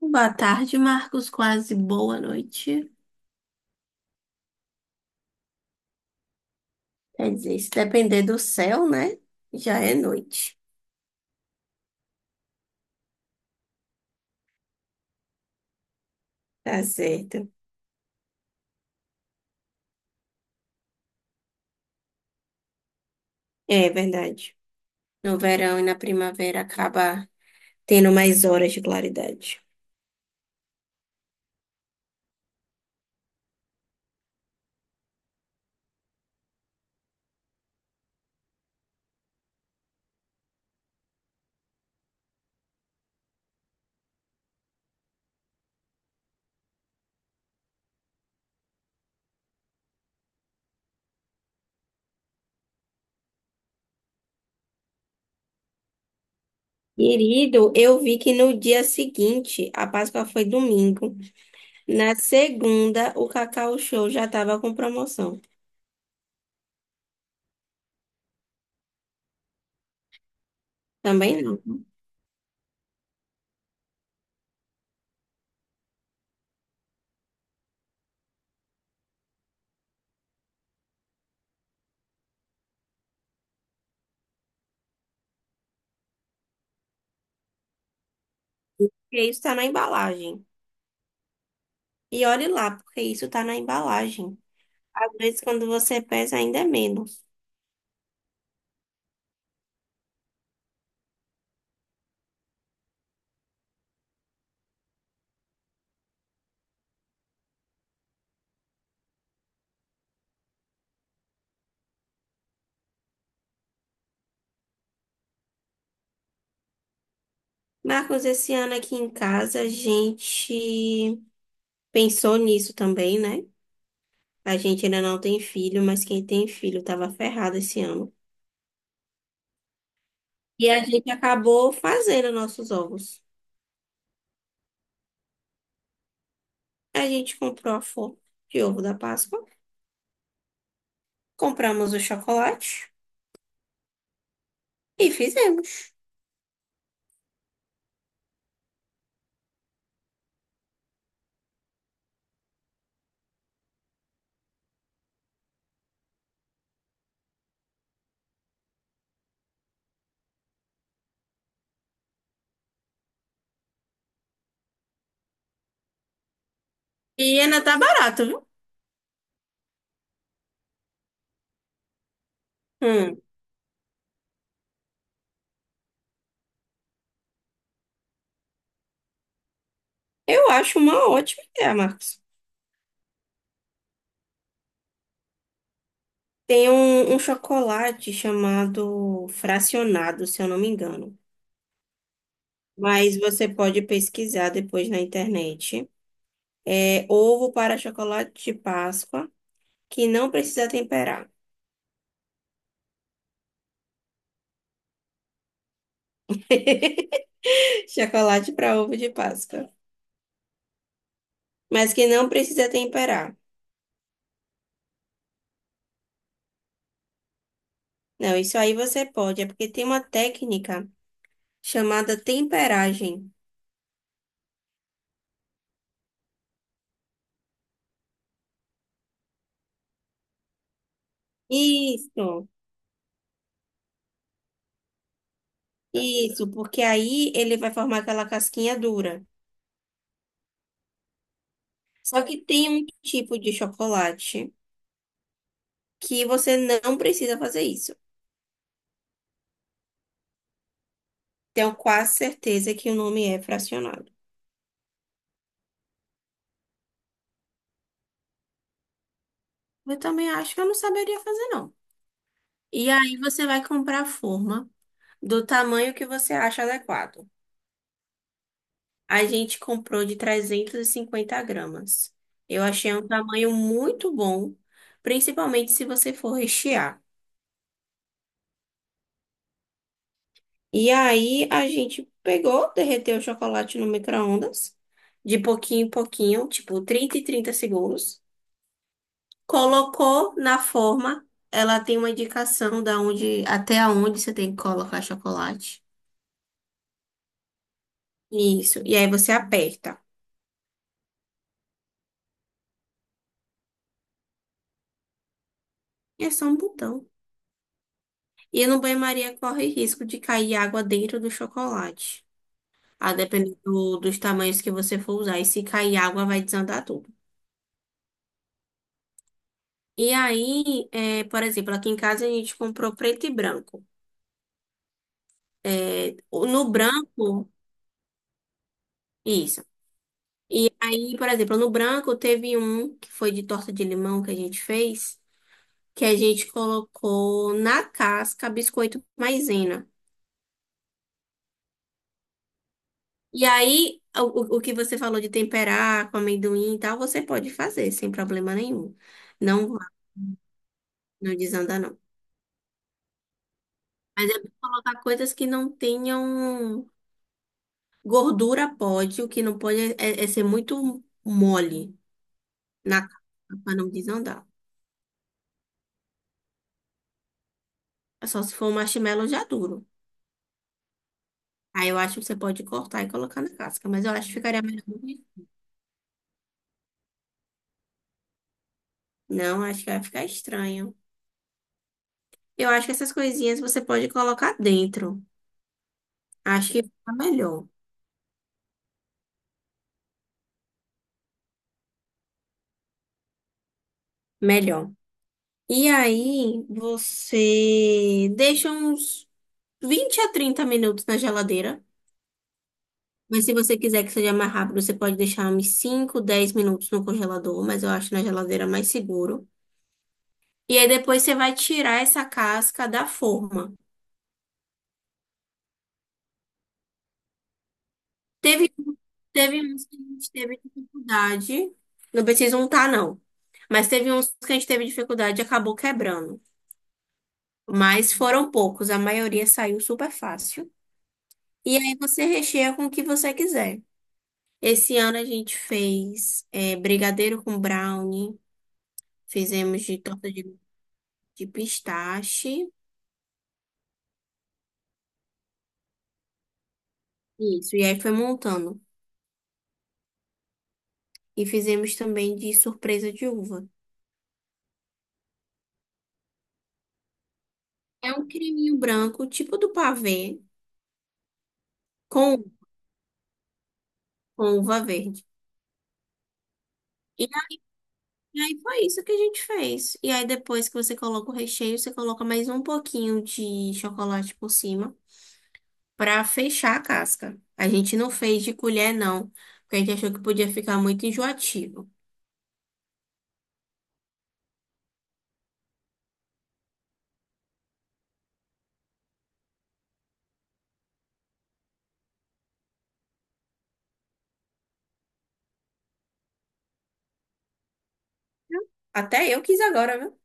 Boa tarde, Marcos. Quase boa noite. Quer dizer, se depender do céu, né? Já é noite. Tá certo. É verdade. No verão e na primavera acaba tendo mais horas de claridade. Querido, eu vi que no dia seguinte, a Páscoa foi domingo. Na segunda, o Cacau Show já estava com promoção. Também não, né? Porque isso está na embalagem. E olhe lá, porque isso está na embalagem. Às vezes, quando você pesa, ainda é menos. Marcos, esse ano aqui em casa a gente pensou nisso também, né? A gente ainda não tem filho, mas quem tem filho tava ferrado esse ano. E a gente acabou fazendo nossos ovos. A gente comprou a forma de ovo da Páscoa, compramos o chocolate e fizemos. E ainda tá barato, viu? Hum, eu acho uma ótima ideia, Marcos. Tem um chocolate chamado fracionado, se eu não me engano. Mas você pode pesquisar depois na internet. É ovo para chocolate de Páscoa, que não precisa temperar. Chocolate para ovo de Páscoa. Mas que não precisa temperar. Não, isso aí você pode, é porque tem uma técnica chamada temperagem. Isso, isso, porque aí ele vai formar aquela casquinha dura. Só que tem um tipo de chocolate que você não precisa fazer isso. Tenho quase certeza que o nome é fracionado. Eu também acho que eu não saberia fazer, não. E aí você vai comprar a forma do tamanho que você acha adequado. A gente comprou de 350 gramas. Eu achei um tamanho muito bom, principalmente se você for rechear. E aí a gente pegou, derreteu o chocolate no micro-ondas, de pouquinho em pouquinho, tipo 30 e 30 segundos. Colocou na forma, ela tem uma indicação da onde, até aonde você tem que colocar chocolate. Isso. E aí você aperta. É só um botão. E no banho-maria corre risco de cair água dentro do chocolate. A depender dos tamanhos que você for usar. E se cair água, vai desandar tudo. E aí, por exemplo, aqui em casa a gente comprou preto e branco. É, no branco, isso. E aí, por exemplo, no branco teve um que foi de torta de limão que a gente fez, que a gente colocou na casca biscoito maisena. E aí, o que você falou de temperar com amendoim e tal, você pode fazer sem problema nenhum. Não, não desanda, não. Mas é bom colocar coisas que não tenham gordura, pode. O que não pode é ser muito mole na casca para não desandar. É só se for um marshmallow já duro. Aí eu acho que você pode cortar e colocar na casca, mas eu acho que ficaria melhor. Não, acho que vai ficar estranho. Eu acho que essas coisinhas você pode colocar dentro. Acho que fica melhor. Melhor. E aí, você deixa uns 20 a 30 minutos na geladeira. Mas se você quiser que seja mais rápido, você pode deixar uns 5, 10 minutos no congelador. Mas eu acho na geladeira mais seguro. E aí, depois você vai tirar essa casca da forma. Teve, teve uns que a gente teve dificuldade. Não precisa untar, não. Mas teve uns que a gente teve dificuldade e acabou quebrando. Mas foram poucos, a maioria saiu super fácil. E aí você recheia com o que você quiser. Esse ano a gente fez brigadeiro com brownie, fizemos de torta de pistache. Isso, e aí foi montando. E fizemos também de surpresa de uva. É um creminho branco, tipo do pavê, com, com uva verde. E aí foi isso que a gente fez. E aí depois que você coloca o recheio, você coloca mais um pouquinho de chocolate por cima, para fechar a casca. A gente não fez de colher, não, porque a gente achou que podia ficar muito enjoativo. Até eu quis agora, viu?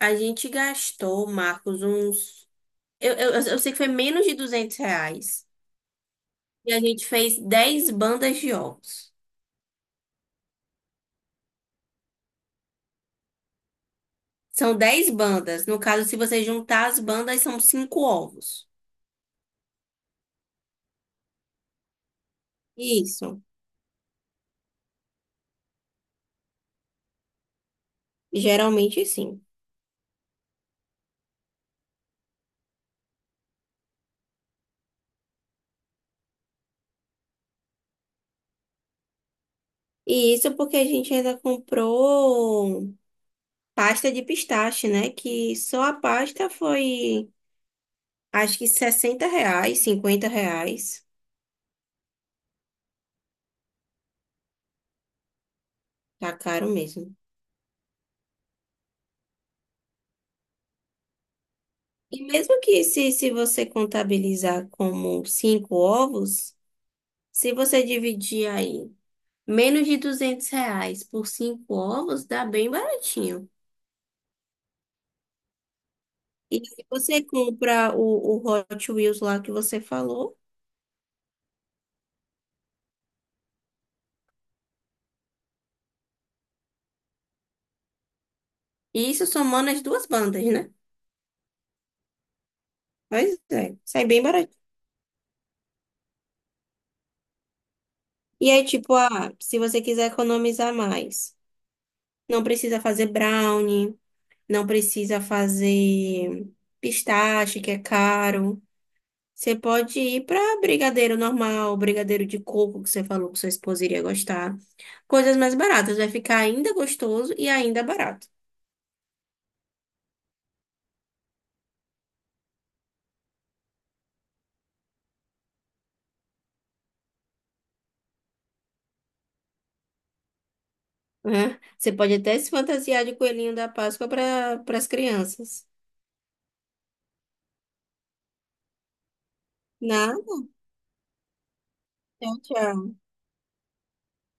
A gente gastou, Marcos, uns. Eu sei que foi menos de R$ 200. E a gente fez 10 bandas de ovos. São 10 bandas. No caso, se você juntar as bandas, são cinco ovos. Isso. Geralmente, sim. E isso porque a gente ainda comprou pasta de pistache, né? Que só a pasta foi. Acho que R$ 60, R$ 50. Tá caro mesmo. E mesmo que se você contabilizar como cinco ovos, se você dividir aí menos de R$ 200 por cinco ovos, dá bem baratinho. E se você compra o Hot Wheels lá que você falou, e isso somando as duas bandas, né? Pois é, sai bem baratinho. E aí, tipo, ah, se você quiser economizar mais, não precisa fazer brownie. Não precisa fazer pistache, que é caro. Você pode ir para brigadeiro normal, brigadeiro de coco, que você falou que sua esposa iria gostar. Coisas mais baratas, vai ficar ainda gostoso e ainda barato, né? Você pode até se fantasiar de coelhinho da Páscoa para as crianças. Nada, tchau, tchau.